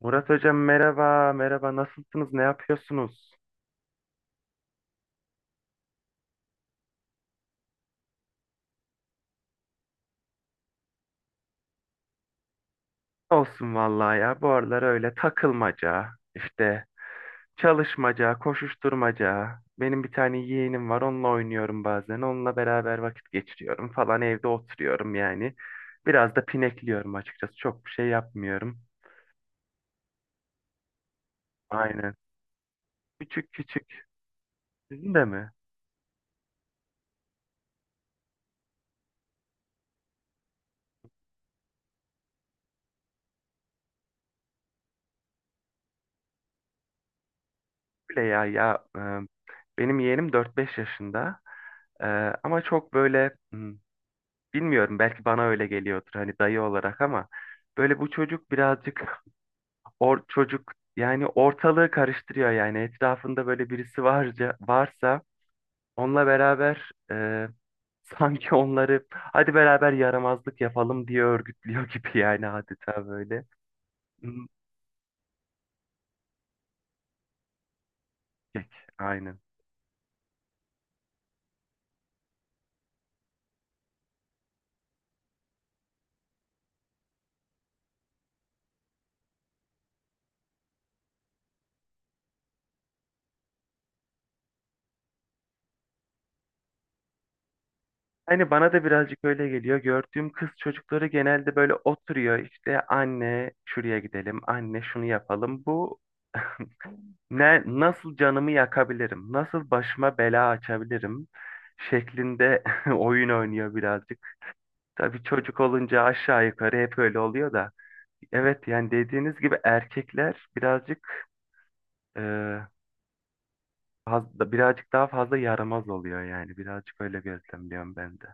Murat Hocam merhaba, merhaba. Nasılsınız, ne yapıyorsunuz? Olsun vallahi ya. Bu aralar öyle takılmaca, işte çalışmaca, koşuşturmaca. Benim bir tane yeğenim var, onunla oynuyorum bazen. Onunla beraber vakit geçiriyorum falan. Evde oturuyorum yani. Biraz da pinekliyorum açıkçası. Çok bir şey yapmıyorum. Aynen. Küçük küçük. Sizin de mi? Öyle ya ya. Benim yeğenim dört beş yaşında. E, ama çok böyle bilmiyorum, belki bana öyle geliyordur hani dayı olarak ama böyle bu çocuk birazcık or çocuk yani ortalığı karıştırıyor, yani etrafında böyle birisi varsa onunla beraber sanki onları hadi beraber yaramazlık yapalım diye örgütlüyor gibi yani adeta böyle. Hmm, peki, Aynen. Hani bana da birazcık öyle geliyor. Gördüğüm kız çocukları genelde böyle oturuyor, işte anne şuraya gidelim, anne şunu yapalım. Bu ne, nasıl canımı yakabilirim? Nasıl başıma bela açabilirim? Şeklinde oyun oynuyor birazcık. Tabii çocuk olunca aşağı yukarı hep öyle oluyor da. Evet yani dediğiniz gibi erkekler birazcık e, fazla, birazcık daha fazla yaramaz oluyor yani. Birazcık öyle gözlemliyorum ben de.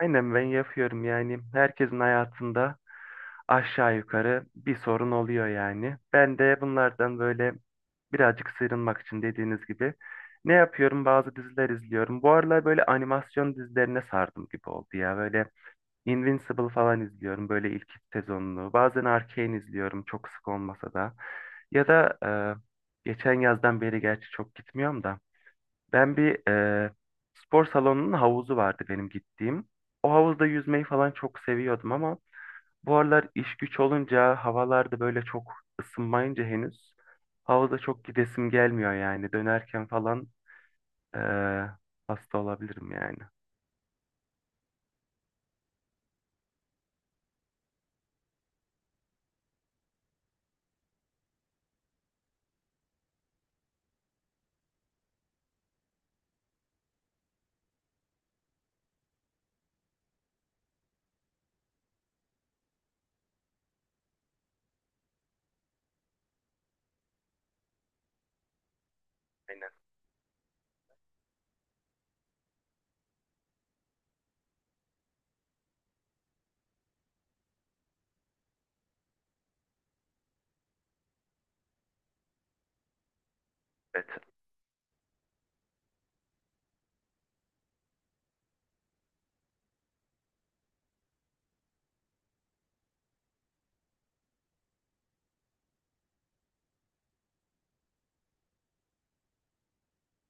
Aynen ben yapıyorum yani. Herkesin hayatında aşağı yukarı bir sorun oluyor yani. Ben de bunlardan böyle birazcık sıyrılmak için, dediğiniz gibi, ne yapıyorum? Bazı diziler izliyorum. Bu aralar böyle animasyon dizilerine sardım gibi oldu ya. Böyle Invincible falan izliyorum, böyle ilk iki sezonunu. Bazen Arcane izliyorum çok sık olmasa da. Ya da geçen yazdan beri gerçi çok gitmiyorum da. Ben bir spor salonunun havuzu vardı benim gittiğim. O havuzda yüzmeyi falan çok seviyordum ama bu aralar iş güç olunca, havalarda böyle çok ısınmayınca henüz havuza çok gidesim gelmiyor yani. Dönerken falan eee, hasta olabilirim yani. Aynen. Evet.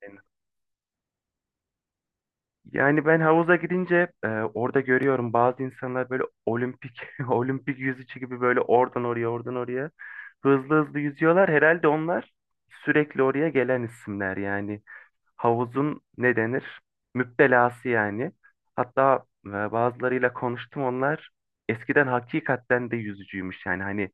Aynen. Yani ben havuza gidince orada görüyorum, bazı insanlar böyle olimpik olimpik yüzücü gibi böyle oradan oraya, oradan oraya hızlı hızlı yüzüyorlar. Herhalde onlar sürekli oraya gelen isimler yani. Havuzun ne denir? Müptelası yani. Hatta bazılarıyla konuştum, onlar eskiden hakikaten de yüzücüymüş yani, hani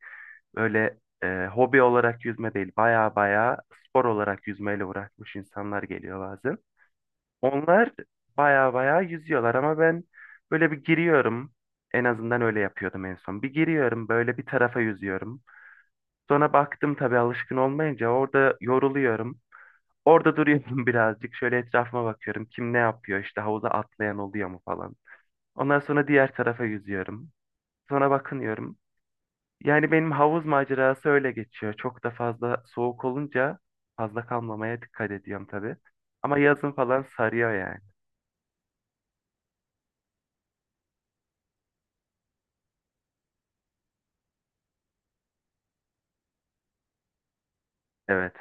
böyle hobi olarak yüzme değil, baya baya spor olarak yüzmeyle uğraşmış insanlar geliyor bazen. Onlar baya baya yüzüyorlar ama ben böyle bir giriyorum, en azından öyle yapıyordum en son. Bir giriyorum böyle bir tarafa yüzüyorum. Sonra baktım tabii alışkın olmayınca orada yoruluyorum. Orada duruyorum birazcık. Şöyle etrafıma bakıyorum. Kim ne yapıyor? İşte havuza atlayan oluyor mu falan. Ondan sonra diğer tarafa yüzüyorum. Sonra bakınıyorum. Yani benim havuz macerası öyle geçiyor. Çok da fazla soğuk olunca fazla kalmamaya dikkat ediyorum tabii. Ama yazın falan sarıyor yani. Evet.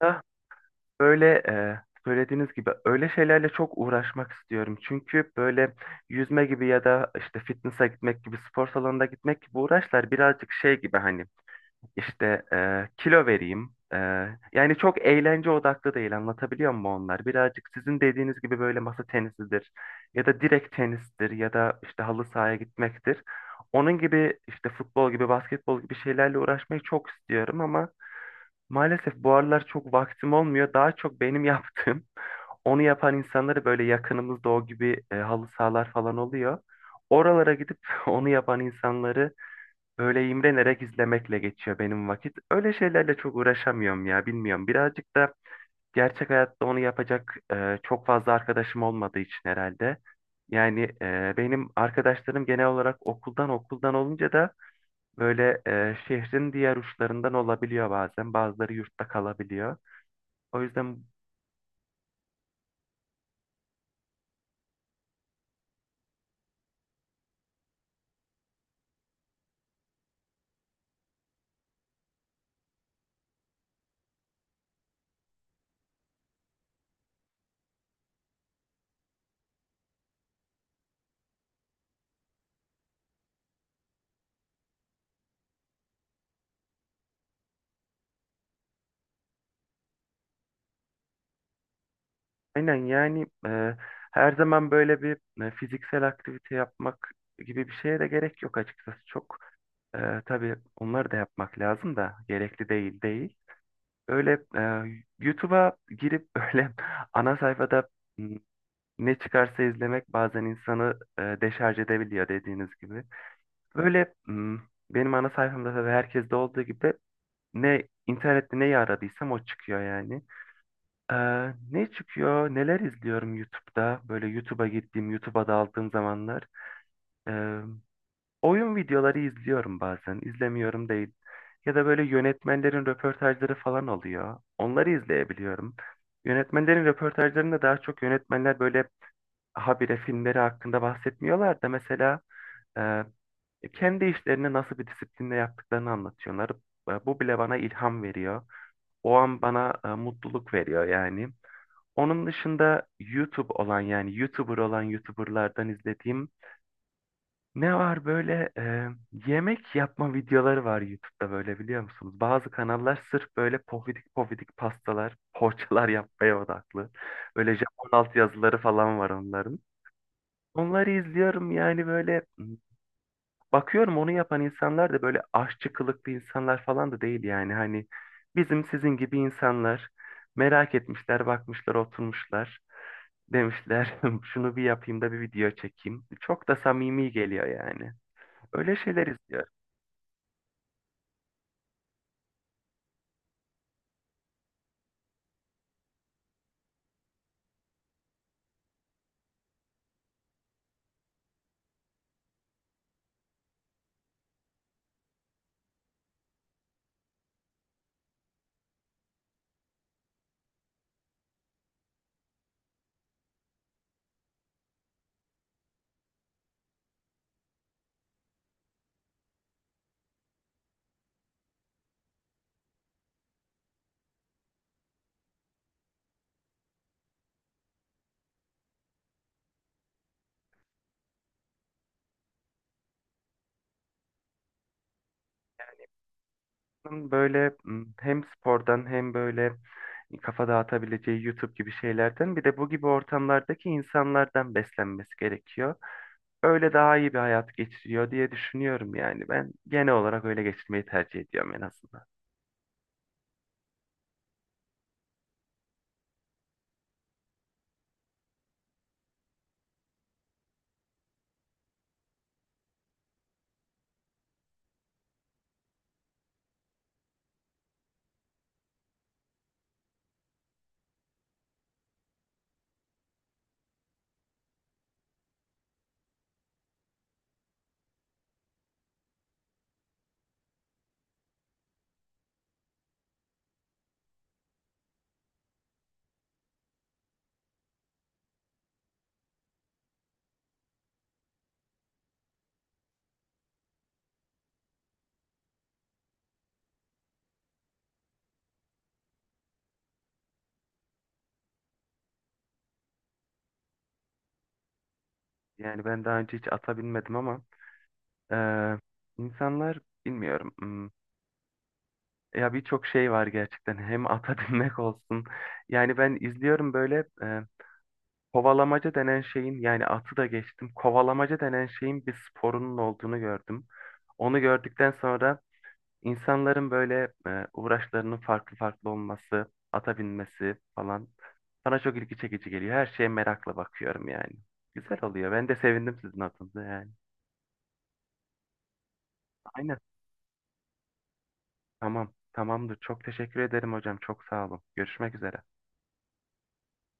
Ah, böyle söylediğiniz gibi öyle şeylerle çok uğraşmak istiyorum. Çünkü böyle yüzme gibi ya da işte fitness'a gitmek gibi, spor salonuna gitmek gibi uğraşlar birazcık şey gibi, hani İşte kilo vereyim. Yani çok eğlence odaklı değil, anlatabiliyor muyum onlar? Birazcık sizin dediğiniz gibi böyle masa tenisidir ya da direkt tenistir ya da işte halı sahaya gitmektir. Onun gibi işte futbol gibi basketbol gibi şeylerle uğraşmayı çok istiyorum ama maalesef bu aralar çok vaktim olmuyor. Daha çok benim yaptığım onu yapan insanları, böyle yakınımızda o gibi halı sahalar falan oluyor. Oralara gidip onu yapan insanları böyle imrenerek izlemekle geçiyor benim vakit. Öyle şeylerle çok uğraşamıyorum ya, bilmiyorum. Birazcık da gerçek hayatta onu yapacak çok fazla arkadaşım olmadığı için herhalde. Yani benim arkadaşlarım genel olarak okuldan olunca da böyle şehrin diğer uçlarından olabiliyor bazen. Bazıları yurtta kalabiliyor. O yüzden aynen yani her zaman böyle bir fiziksel aktivite yapmak gibi bir şeye de gerek yok açıkçası. Çok tabii onları da yapmak lazım da gerekli değil. Öyle YouTube'a girip öyle ana sayfada m, ne çıkarsa izlemek bazen insanı deşarj edebiliyor dediğiniz gibi. Böyle benim ana sayfamda tabii herkeste olduğu gibi ne internette neyi aradıysam o çıkıyor yani. Ee, ne çıkıyor? Neler izliyorum YouTube'da? Böyle YouTube'a gittiğim, YouTube'a daldığım zamanlar. e, Oyun videoları izliyorum bazen. İzlemiyorum değil. Ya da böyle yönetmenlerin röportajları falan oluyor. Onları izleyebiliyorum. Yönetmenlerin röportajlarında daha çok yönetmenler böyle habire filmleri hakkında bahsetmiyorlar da, mesela e, kendi işlerini nasıl bir disiplinle yaptıklarını anlatıyorlar. Bu bile bana ilham veriyor. O an bana mutluluk veriyor yani. Onun dışında YouTube olan yani YouTuber olan YouTuberlardan izlediğim ne var böyle, yemek yapma videoları var YouTube'da, böyle biliyor musunuz? Bazı kanallar sırf böyle pofidik pofidik pastalar, poğaçalar yapmaya odaklı. Böyle Japon alt yazıları falan var onların. Onları izliyorum yani. Böyle bakıyorum, onu yapan insanlar da böyle aşçı kılıklı insanlar falan da değil yani. Hani bizim sizin gibi insanlar, merak etmişler, bakmışlar, oturmuşlar. Demişler şunu bir yapayım da bir video çekeyim. Çok da samimi geliyor yani. Öyle şeyler izliyorum. Böyle hem spordan hem böyle kafa dağıtabileceği YouTube gibi şeylerden, bir de bu gibi ortamlardaki insanlardan beslenmesi gerekiyor. Öyle daha iyi bir hayat geçiriyor diye düşünüyorum yani. Ben genel olarak öyle geçirmeyi tercih ediyorum en azından. Yani ben daha önce hiç ata binmedim ama eee, insanlar bilmiyorum. Ya, birçok şey var gerçekten. Hem ata binmek olsun. Yani ben izliyorum böyle kovalamaca denen şeyin, yani atı da geçtim, kovalamaca denen şeyin bir sporunun olduğunu gördüm. Onu gördükten sonra İnsanların böyle uğraşlarının farklı farklı olması, ata binmesi falan bana çok ilgi çekici geliyor. Her şeye merakla bakıyorum yani. Güzel oluyor. Ben de sevindim sizin adınıza yani. Aynen. Tamam. Tamamdır. Çok teşekkür ederim hocam. Çok sağ olun. Görüşmek üzere.